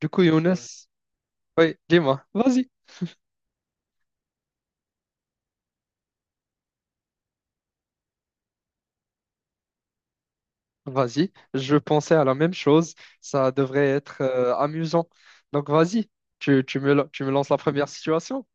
Du coup, Younes, ouais. Oui, dis-moi, vas-y, vas-y, je pensais à la même chose, ça devrait être amusant. Donc, vas-y, tu me lances la première situation.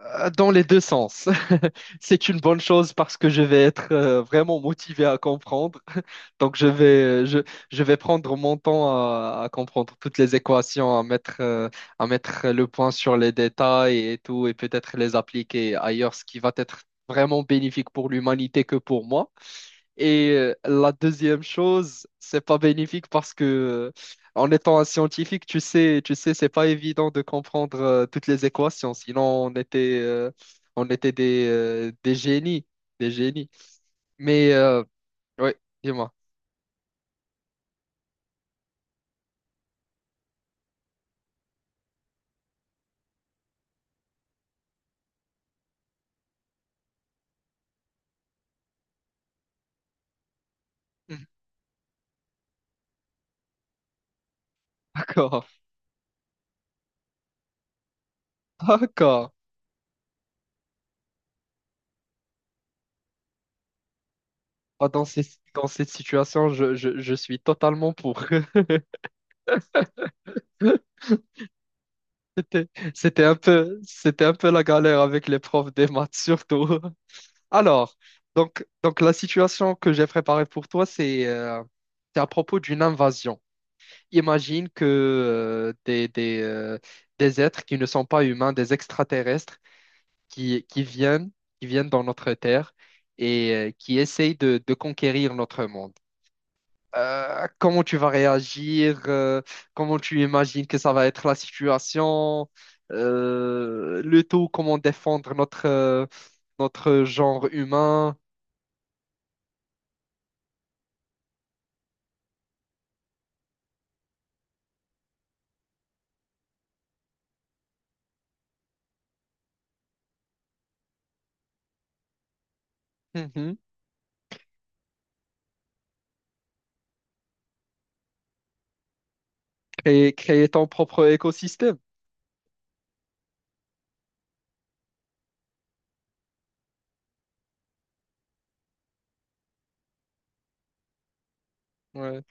Dans les deux sens. C'est une bonne chose parce que je vais être vraiment motivé à comprendre. Donc, je vais prendre mon temps à comprendre toutes les équations, à mettre le point sur les détails et tout, et peut-être les appliquer ailleurs, ce qui va être vraiment bénéfique pour l'humanité que pour moi. Et la deuxième chose, c'est pas bénéfique parce que en étant un scientifique, tu sais, c'est pas évident de comprendre toutes les équations. Sinon, on était des génies, des génies. Mais oui, dis-moi. Mhm. D'accord, d'accord. Ah, dans dans cette situation, je suis totalement pour. C'était un peu la galère avec les profs des maths, surtout. Alors, donc la situation que j'ai préparée pour toi, c'est à propos d'une invasion. Imagine que des êtres qui ne sont pas humains, des extraterrestres, qui, qui viennent, qui viennent dans notre Terre et qui essayent de conquérir notre monde. Comment tu vas réagir? Comment tu imagines que ça va être la situation? Le tout, comment défendre notre, notre genre humain? Hum, hum. Créer, créer ton propre écosystème. Ouais.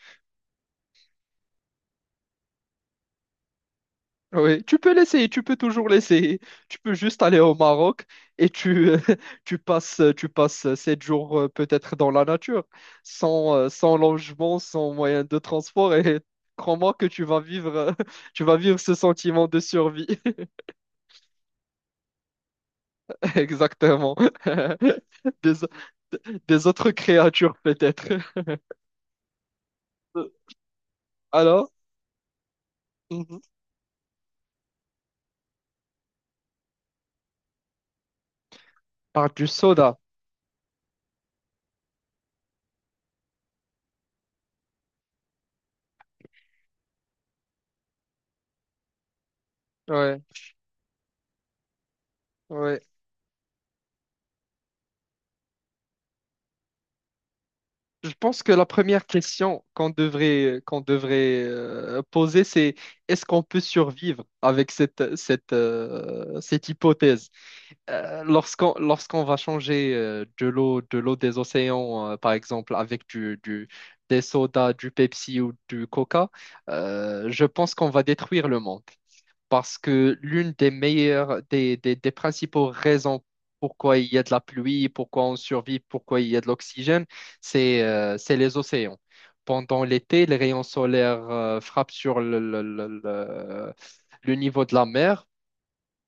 Oui, tu peux l'essayer, tu peux toujours l'essayer. Tu peux juste aller au Maroc et tu passes sept jours peut-être dans la nature, sans logement, sans moyen de transport et crois-moi que tu vas vivre, tu vas vivre ce sentiment de survie. Exactement. Des, des autres créatures peut-être. Alors? Mhm. Par du soda. Ouais, ouais. Je pense que la première question qu'on devrait poser, c'est est-ce qu'on peut survivre avec cette hypothèse? Lorsqu'on va changer de l'eau des océans, par exemple, avec des sodas, du Pepsi ou du Coca, je pense qu'on va détruire le monde parce que l'une des meilleures, des principaux raisons pourquoi il y a de la pluie, pourquoi on survit, pourquoi il y a de l'oxygène, c'est les océans. Pendant l'été, les rayons solaires frappent sur le niveau de la mer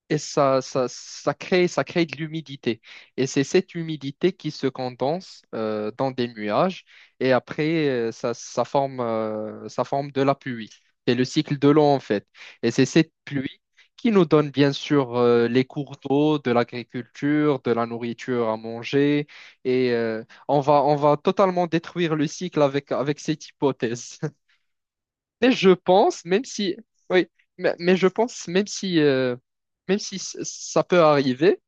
et ça crée de l'humidité. Et c'est cette humidité qui se condense dans des nuages et après, ça forme de la pluie. C'est le cycle de l'eau en fait. Et c'est cette pluie qui nous donne bien sûr les cours d'eau, de l'agriculture, de la nourriture à manger. Et on va totalement détruire le cycle avec, avec cette hypothèse. Mais je pense, même si, oui, mais je pense, même si ça peut arriver,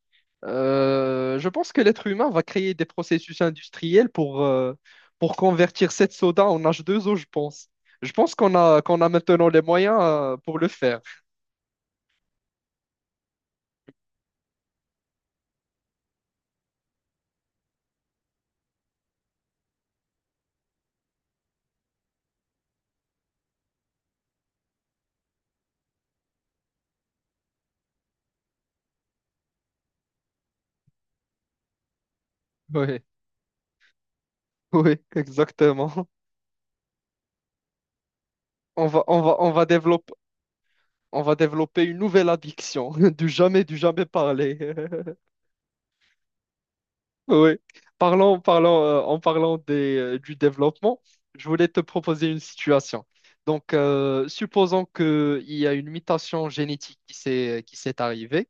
je pense que l'être humain va créer des processus industriels pour convertir cette soda en H2O, je pense. Je pense qu'on a maintenant les moyens, pour le faire. Oui, oui, exactement. On va, on va, on va développer, on va développer une nouvelle addiction, du jamais parler. Oui. Parlons, parlons, en parlant des, du développement, je voulais te proposer une situation. Donc, supposons qu'il y a une mutation génétique qui s'est arrivée.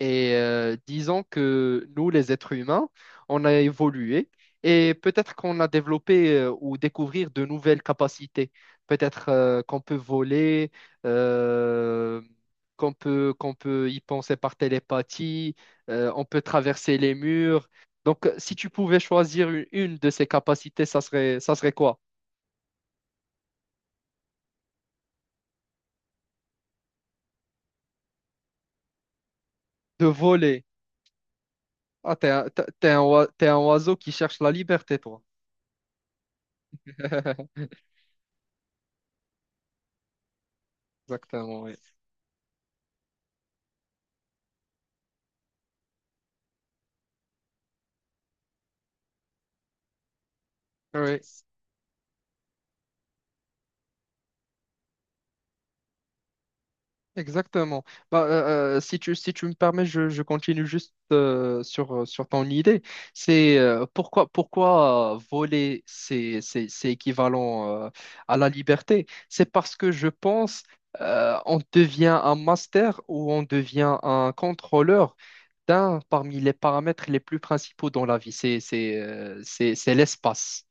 Et disons que nous, les êtres humains, on a évolué et peut-être qu'on a développé ou découvert de nouvelles capacités. Peut-être qu'on peut voler, euh, qu'on peut y penser par télépathie, on peut traverser les murs. Donc, si tu pouvais choisir une de ces capacités, ça serait quoi? De voler. Ah, t'es un t'es un oiseau qui cherche la liberté, toi. Exactement, oui. Oui. Exactement. Bah, si si tu me permets, je continue juste sur ton idée. C'est pourquoi voler, c'est équivalent à la liberté. C'est parce que je pense on devient un master ou on devient un contrôleur d'un parmi les paramètres les plus principaux dans la vie. C'est l'espace.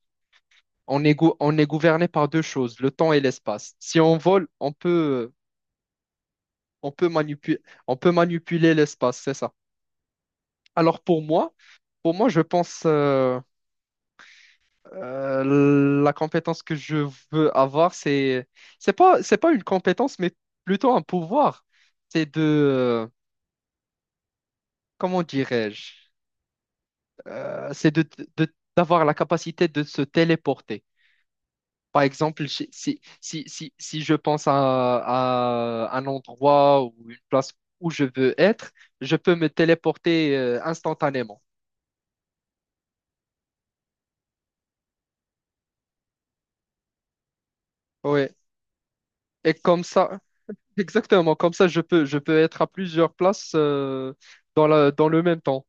On est, on est gouverné par deux choses, le temps et l'espace. Si on vole, On peut manipuler, on peut manipuler l'espace, c'est ça. Alors pour moi, je pense la compétence que je veux avoir, c'est c'est pas une compétence, mais plutôt un pouvoir. C'est de comment dirais-je, c'est de, d'avoir la capacité de se téléporter. Par exemple, si je pense à un endroit ou une place où je veux être, je peux me téléporter instantanément. Oui. Et comme ça, exactement, comme ça, je peux être à plusieurs places dans la, dans le même temps.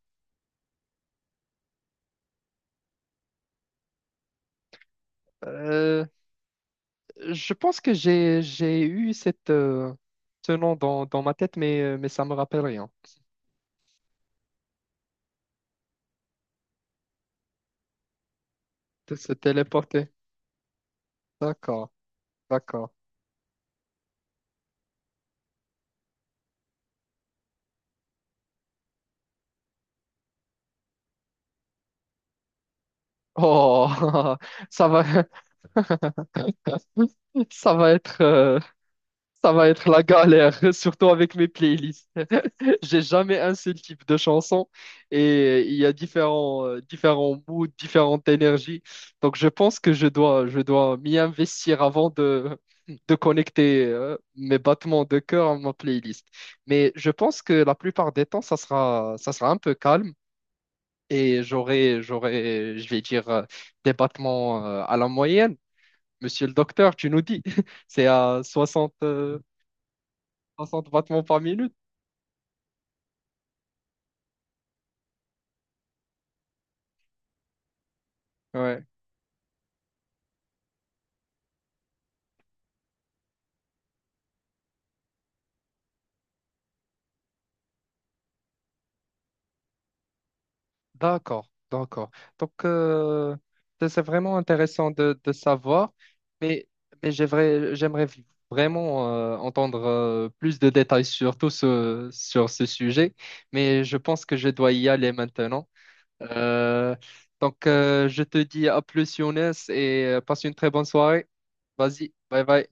Euh, je pense que j'ai eu cette, ce nom dans, dans ma tête, mais ça me rappelle rien. De se téléporter. D'accord, d'accord. Oh, ça va, ça va être, euh, ça va être la galère, surtout avec mes playlists. J'ai jamais un seul type de chanson et il y a différents, différents moods, différentes énergies. Donc je pense que je dois m'y investir avant de connecter mes battements de cœur à ma playlist. Mais je pense que la plupart des temps, ça sera un peu calme et je vais dire, des battements à la moyenne. Monsieur le docteur, tu nous dis, c'est à 60 battements par minute. Ouais. D'accord, d'accord. Donc, c'est vraiment intéressant de savoir, mais, mais j'aimerais, j'aimerais vraiment entendre plus de détails sur tout ce, sur ce sujet, mais je pense que je dois y aller maintenant. Euh, donc, je te dis à plus, Younes, et passe une très bonne soirée. Vas-y, bye bye.